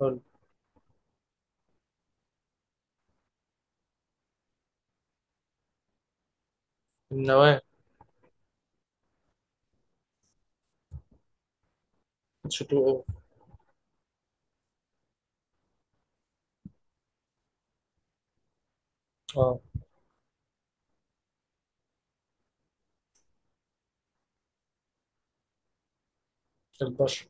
حلو. النواة. شكله. اه، البشر.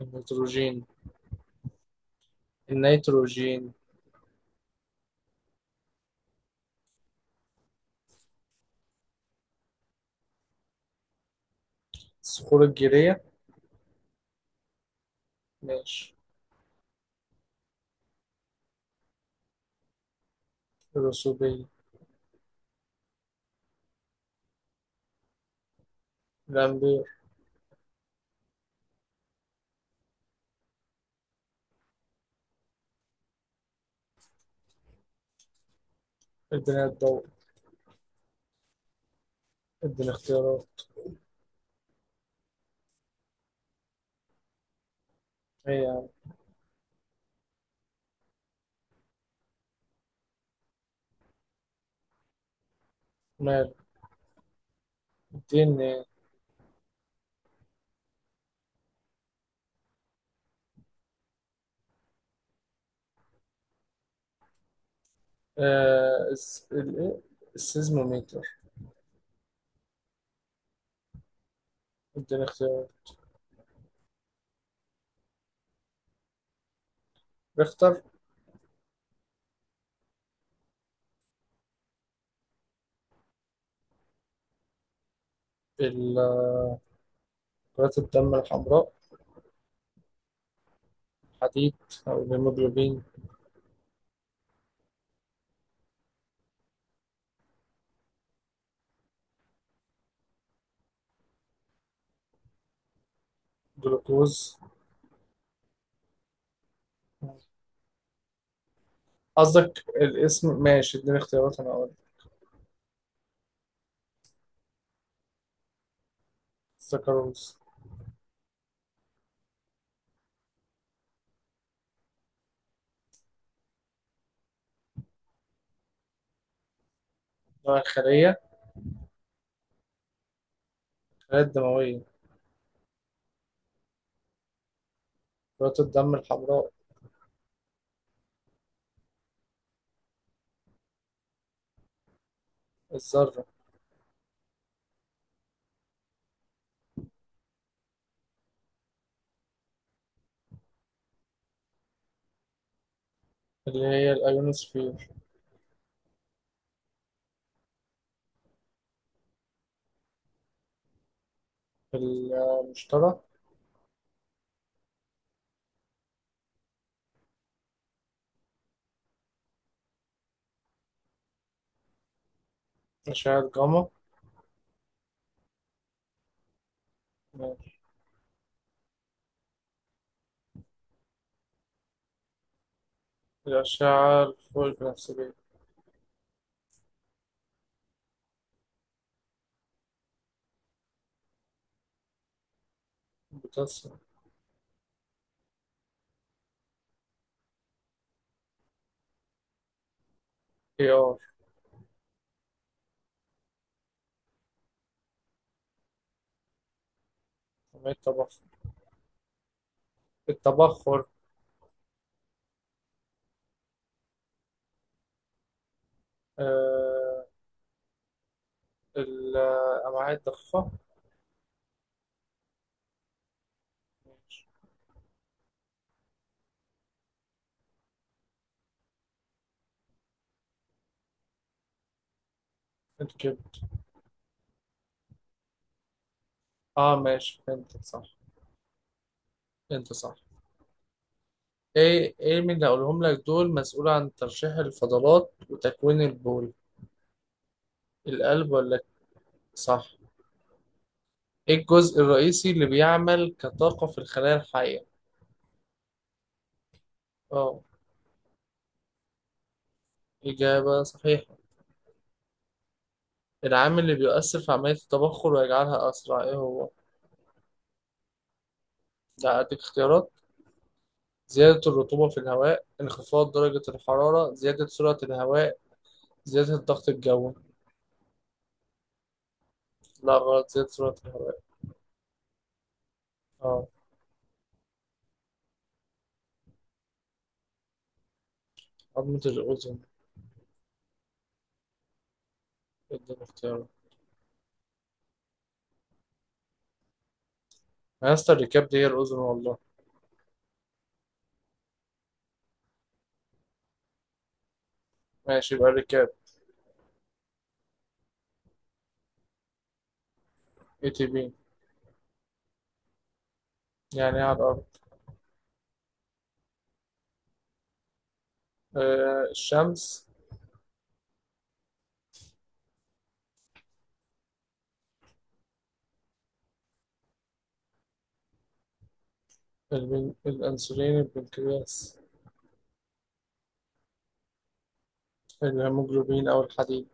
النيتروجين. النيتروجين. الصخور الجيرية. ماشي. الرسوبية. الأمبير. ادينا الضوء. ادينا اختيارات. ايه يا عم؟ مال. اديني. آه، إيه؟ السيزموميتر. ادينا اختيارات. ريختر. آه، كرات الدم الحمراء. حديد أو الهيموجلوبين. جلوكوز. قصدك الاسم؟ ماشي، اديني اختيارات أنا أقول. سكروز. نوع الخلية؟ الخلايا الدموية. كرات الدم الحمراء. الذرة. اللي هي الأيونوسفير. المشترى. أشعة جاما. ماشي. الأشعة الفوق البنفسجية. بوتاسيوم. Ar. كمية تبخر. التبخر. آه، الأمعاء الضخة. ماشي. الكبد. اه ماشي، فهمتك صح، انت صح. ايه ايه من اللي هقولهم لك دول مسؤول عن ترشيح الفضلات وتكوين البول؟ القلب ولا؟ صح. ايه الجزء الرئيسي اللي بيعمل كطاقة في الخلايا الحية؟ اه. إجابة صحيحة. العامل اللي بيؤثر في عملية التبخر ويجعلها أسرع إيه هو؟ ده أديك اختيارات. زيادة الرطوبة في الهواء، انخفاض درجة الحرارة، زيادة سرعة الهواء، زيادة الضغط الجوي. لا غلط، زيادة سرعة الهواء. اه. عظمة الأذن. اديني اختيارات. أنا يا اسطى الركاب دي هي الأذن والله. ماشي، يبقى الركاب. ATP. يعني إيه على الأرض؟ آه، الشمس. الأنسولين، البنكرياس. الهيموجلوبين أو الحديد.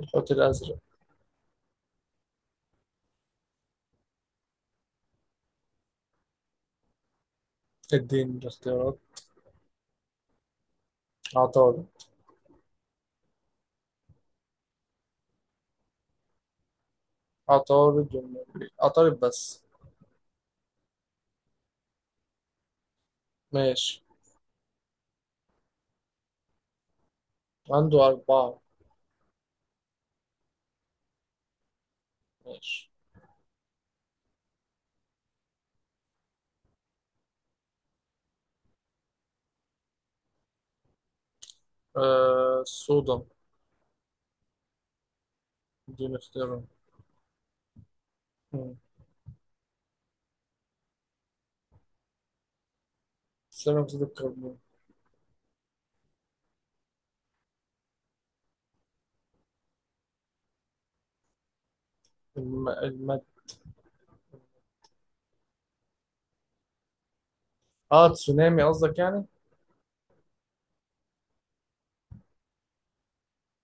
الحوت الأزرق. اديني الاختيارات. عطارد. عطارد والنبي، عطارد بس. ماشي. عنده 4. ماشي. آه، الصودا. دي نختارها. مم. ثاني أكسيد الكربون. المادة. اه تسونامي قصدك يعني.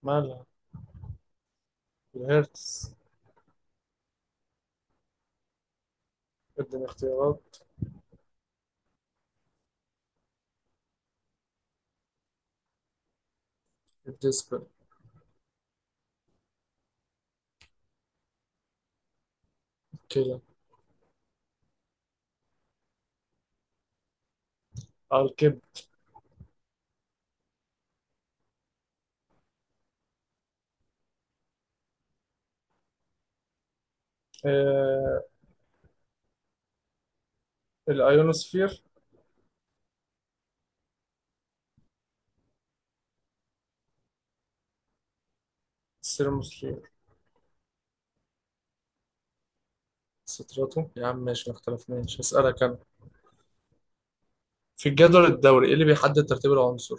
مالها؟ الهرتز. اديني اختيارات. الديسبل. كده. اه، الكب. آه، الايونوسفير. السيرموسفير. ستراتو يا عم ماشي، ما اختلفناش. هسألك انا. في الجدول الدوري ايه اللي بيحدد ترتيب العنصر؟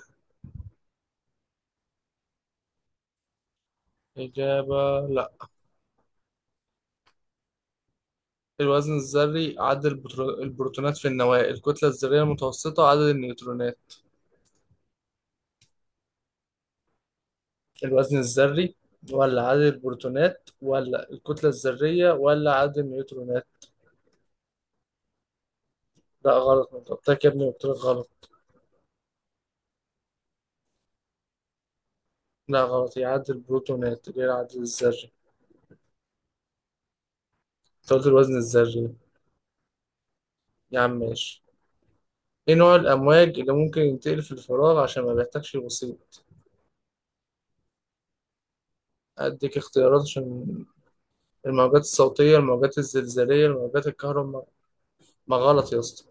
إجابة؟ لا. الوزن الذري، عدد البروتونات في النواة، الكتلة الذرية المتوسطة، عدد النيوترونات. الوزن الذري ولا عدد البروتونات ولا الكتلة الذرية ولا عدد النيوترونات؟ لا غلط، ما جبتك يا ابني، قلت لك غلط. لا غلط، هي عدد البروتونات، غير عدد الذري. انت قلت الوزن الذري. يا عم ماشي. ايه نوع الأمواج اللي ممكن ينتقل في الفراغ عشان ما بيحتاجش الوسيط؟ أديك اختيارات عشان. الموجات الصوتية، الموجات الزلزالية، الموجات الكهرومغناطيسية. ما غلط يا اسطى.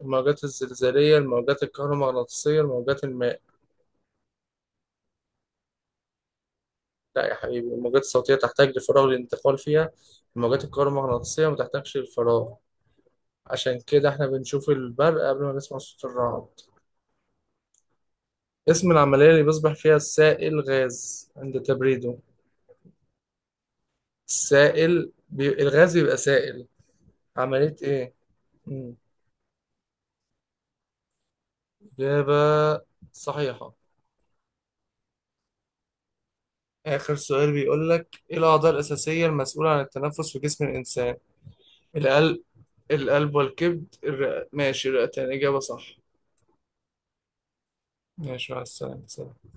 الموجات الزلزالية، الموجات الكهرومغناطيسية، الموجات الماء. لا يا حبيبي، الموجات الصوتية تحتاج لفراغ للانتقال فيها، الموجات الكهرومغناطيسية ما تحتاجش للفراغ. عشان كده احنا بنشوف البرق قبل ما نسمع صوت الرعد. اسم العملية اللي بيصبح فيها السائل غاز عند تبريده؟ السائل الغاز بيبقى سائل. عملية ايه؟ مم. إجابة صحيحة. آخر سؤال بيقول لك، ايه الأعضاء الأساسية المسؤولة عن التنفس في جسم الإنسان؟ القلب. القلب والكبد الرئة، ماشي الرئتين، إجابة صح. ماشي، مع السلامة، سلام.